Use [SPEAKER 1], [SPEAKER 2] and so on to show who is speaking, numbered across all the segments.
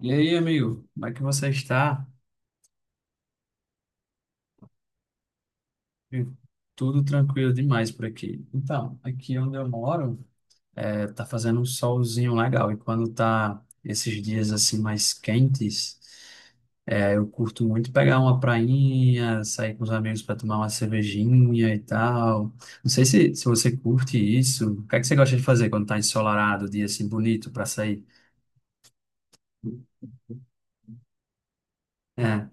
[SPEAKER 1] E aí, amigo, como é que você está? Viu? Tudo tranquilo demais por aqui. Então, aqui onde eu moro, tá fazendo um solzinho legal. E quando tá esses dias assim mais quentes, eu curto muito pegar uma prainha, sair com os amigos para tomar uma cervejinha e tal. Não sei se você curte isso. O que é que você gosta de fazer quando tá ensolarado, dia assim bonito para sair? É.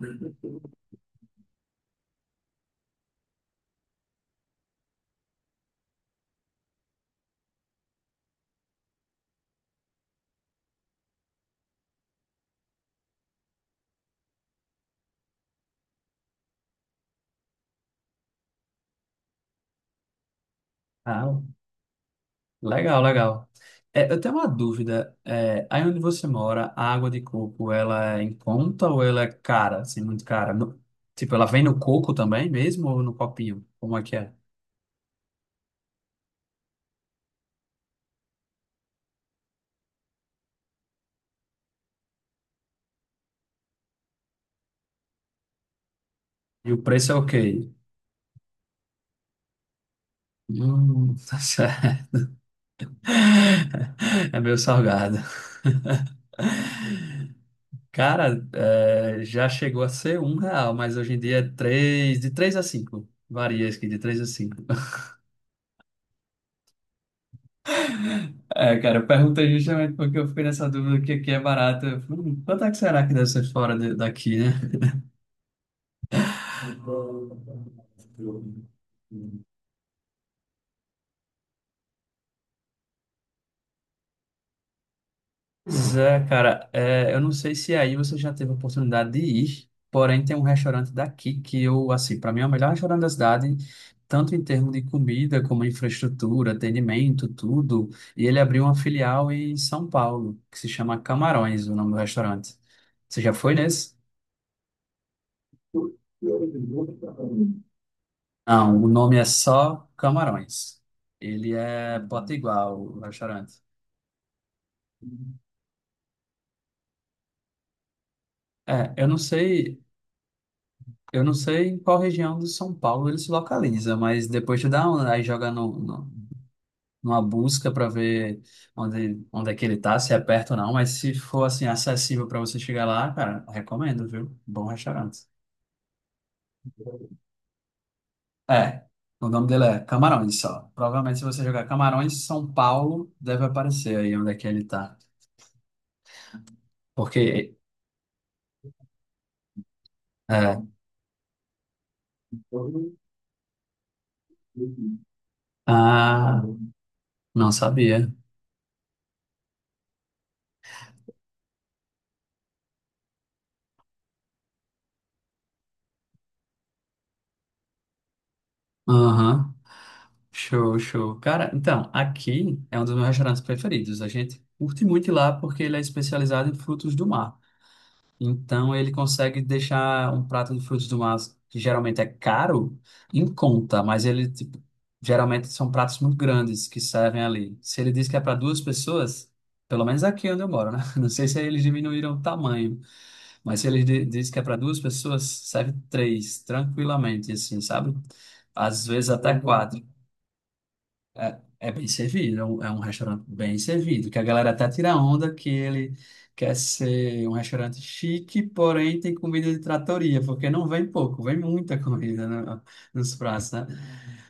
[SPEAKER 1] Ah, legal, legal. É, eu tenho uma dúvida. É, aí onde você mora, a água de coco, ela é em conta ou ela é cara, assim, muito cara? Tipo, ela vem no coco também mesmo ou no copinho? Como é que é? E o preço é ok? Tá certo. É meio salgado. Cara, já chegou a ser R$ 1, mas hoje em dia é três, de três a cinco. Varia isso aqui, de três a cinco. É, cara, eu perguntei justamente porque eu fiquei nessa dúvida que aqui é barato. Eu falei, hum, quanto é que será que deve ser fora daqui, né? Pois é, cara, eu não sei se aí você já teve a oportunidade de ir, porém tem um restaurante daqui que eu, assim, para mim é o melhor restaurante da cidade, tanto em termos de comida como infraestrutura, atendimento, tudo. E ele abriu uma filial em São Paulo, que se chama Camarões, o nome do restaurante. Você já foi nesse? Não, o nome é só Camarões. Ele é potiguar, o restaurante. É, eu não sei em qual região de São Paulo ele se localiza, mas depois tu dá uma, aí joga numa busca para ver onde é que ele tá, se é perto ou não, mas se for assim acessível para você chegar lá, cara, recomendo, viu? Bom restaurante. É, o nome dele é Camarões só. Provavelmente se você jogar Camarões São Paulo, deve aparecer aí onde é que ele tá. Porque é, ah, não sabia. Aham. Show, show. Cara, então, aqui é um dos meus restaurantes preferidos. A gente curte muito ir lá porque ele é especializado em frutos do mar. Então, ele consegue deixar um prato de frutos do mar, que geralmente é caro, em conta, mas ele, tipo, geralmente são pratos muito grandes que servem ali. Se ele diz que é para duas pessoas, pelo menos aqui onde eu moro, né? Não sei se aí eles diminuíram o tamanho, mas se ele diz que é para duas pessoas, serve três, tranquilamente, assim, sabe? Às vezes até quatro. É, é bem servido, é um, restaurante bem servido, que a galera até tira onda que ele quer ser um restaurante chique, porém tem comida de tratoria, porque não vem pouco, vem muita comida nos pratos, né?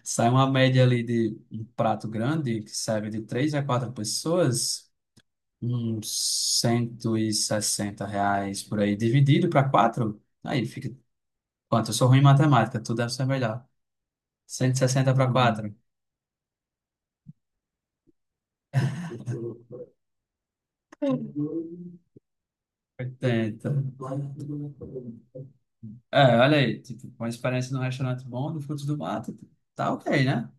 [SPEAKER 1] Sai uma média ali de um prato grande, que serve de três a quatro pessoas, uns R$ 160 por aí, dividido para quatro, aí fica quanto? Eu sou ruim em matemática, tu deve ser melhor. 160 para quatro. 80. É, olha aí, tipo, com a experiência num restaurante bom, no Frutos do Mato, tá ok, né?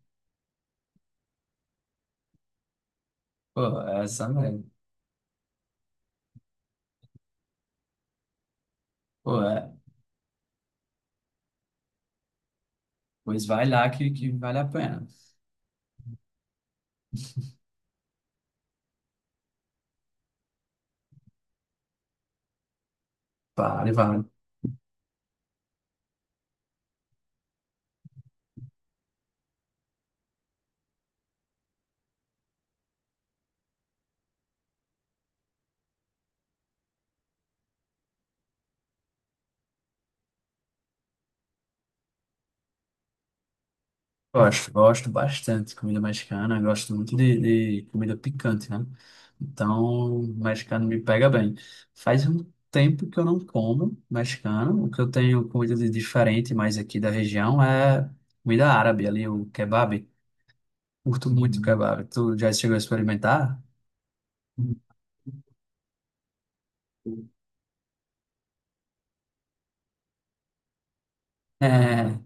[SPEAKER 1] Pô, é essa é mesmo. Pô, é. Pois vai lá que vale a pena. Vale, vale. Gosto, gosto bastante de comida mexicana, gosto muito de comida picante, né? Então, mexicano me pega bem. Faz um tempo que eu não como mexicano. O que eu tenho comida de diferente mais aqui da região é comida árabe, ali o kebab. Curto muito kebab. Tu já chegou a experimentar? É.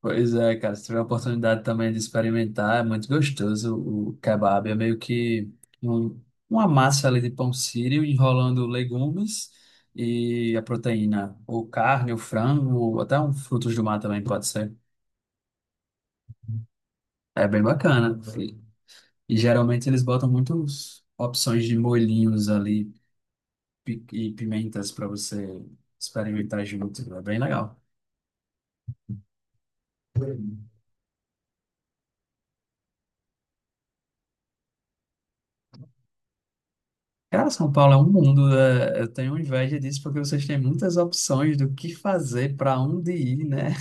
[SPEAKER 1] Pois é, cara. Se tiver a oportunidade também de experimentar, é muito gostoso o kebab. É meio que um- uma massa ali de pão sírio enrolando legumes e a proteína, ou carne, ou frango, ou até um frutos do mar também pode ser. É bem bacana. E geralmente eles botam muitas opções de molhinhos ali. E pimentas para você experimentar junto. É bem legal. Cara, São Paulo é um mundo. Eu tenho inveja disso porque vocês têm muitas opções do que fazer, para onde ir, né?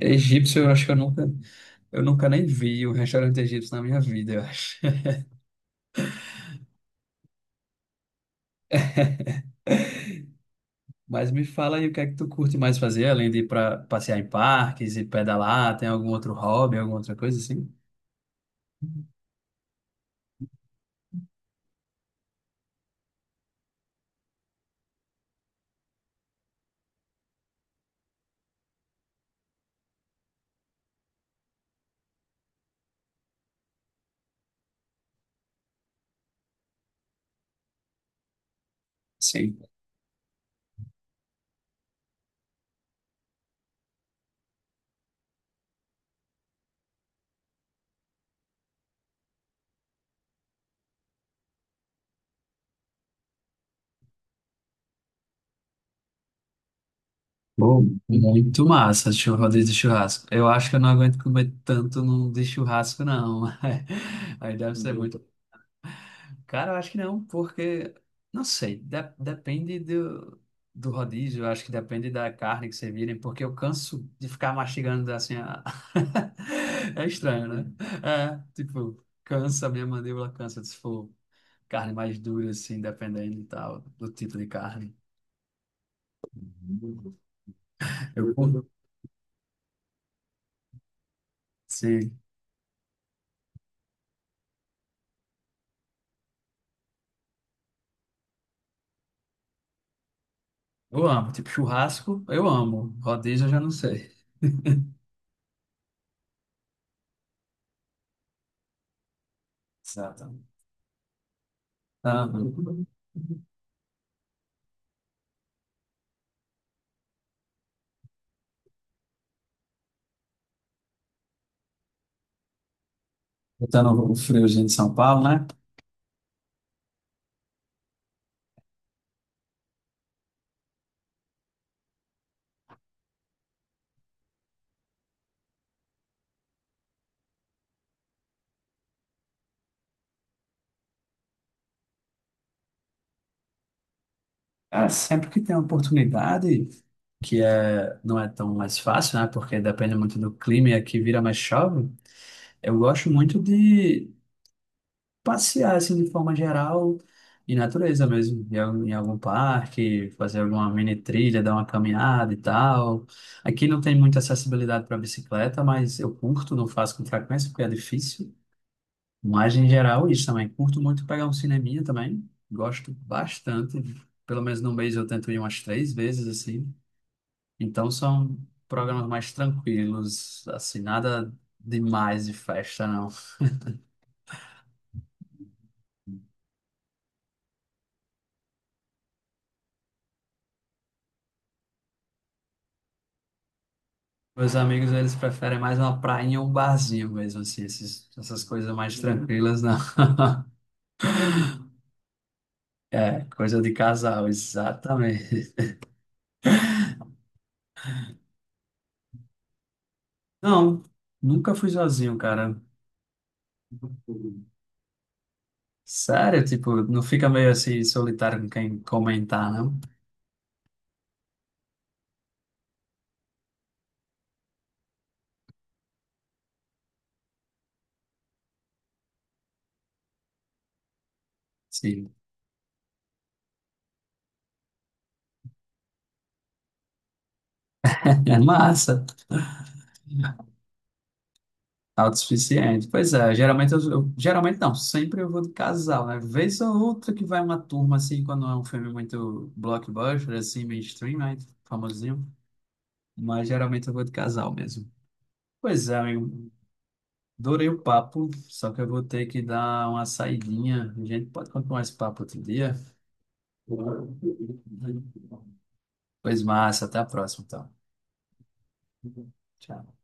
[SPEAKER 1] Egípcio, eu acho que eu nunca nem vi um restaurante egípcio na minha vida, eu acho. Mas me fala aí o que é que tu curte mais fazer, além de ir para passear em parques e pedalar, tem algum outro hobby, alguma outra coisa assim? Sim. Bom, muito massa, rodízio de churrasco. Eu acho que eu não aguento comer tanto de churrasco, não. Aí deve ser muito. Cara, eu acho que não, porque, não sei, depende do rodízio, eu acho que depende da carne que servirem, porque eu canso de ficar mastigando assim. É estranho, né? É, tipo, cansa, minha mandíbula cansa se for carne mais dura, assim, dependendo e tal, do tipo de carne. Eu, Sim. Eu amo, tipo churrasco, eu amo. Rodízio, eu já não sei. Exato. Ah, botando o friozinho de São Paulo, né? Cara, sempre que tem uma oportunidade, não é tão mais fácil, né? Porque depende muito do clima e aqui vira mais chove. Eu gosto muito de passear assim de forma geral em natureza mesmo, em algum parque, fazer alguma mini trilha, dar uma caminhada e tal. Aqui não tem muita acessibilidade para bicicleta, mas eu curto, não faço com frequência porque é difícil. Mas em geral isso também, curto muito pegar um cineminha também, gosto bastante. Pelo menos no mês eu tento ir umas três vezes assim. Então são programas mais tranquilos, assim, nada demais de festa não. Meus amigos, eles preferem mais uma praia e um barzinho mesmo, assim, essas coisas mais tranquilas, não. É, coisa de casal, exatamente. Não, nunca fui sozinho, cara. Sério, tipo, não fica meio assim solitário com quem comentar, não? Sim. É massa, autossuficiente. Pois é, geralmente geralmente não, sempre eu vou de casal, né? Vez ou outra que vai uma turma assim, quando é um filme muito blockbuster, assim, mainstream, né? Famosinho. Mas geralmente eu vou de casal mesmo. Pois é, amigo. Adorei o papo, só que eu vou ter que dar uma saidinha. A gente pode continuar esse papo outro dia? Pois massa, até a próxima, então. Tchau.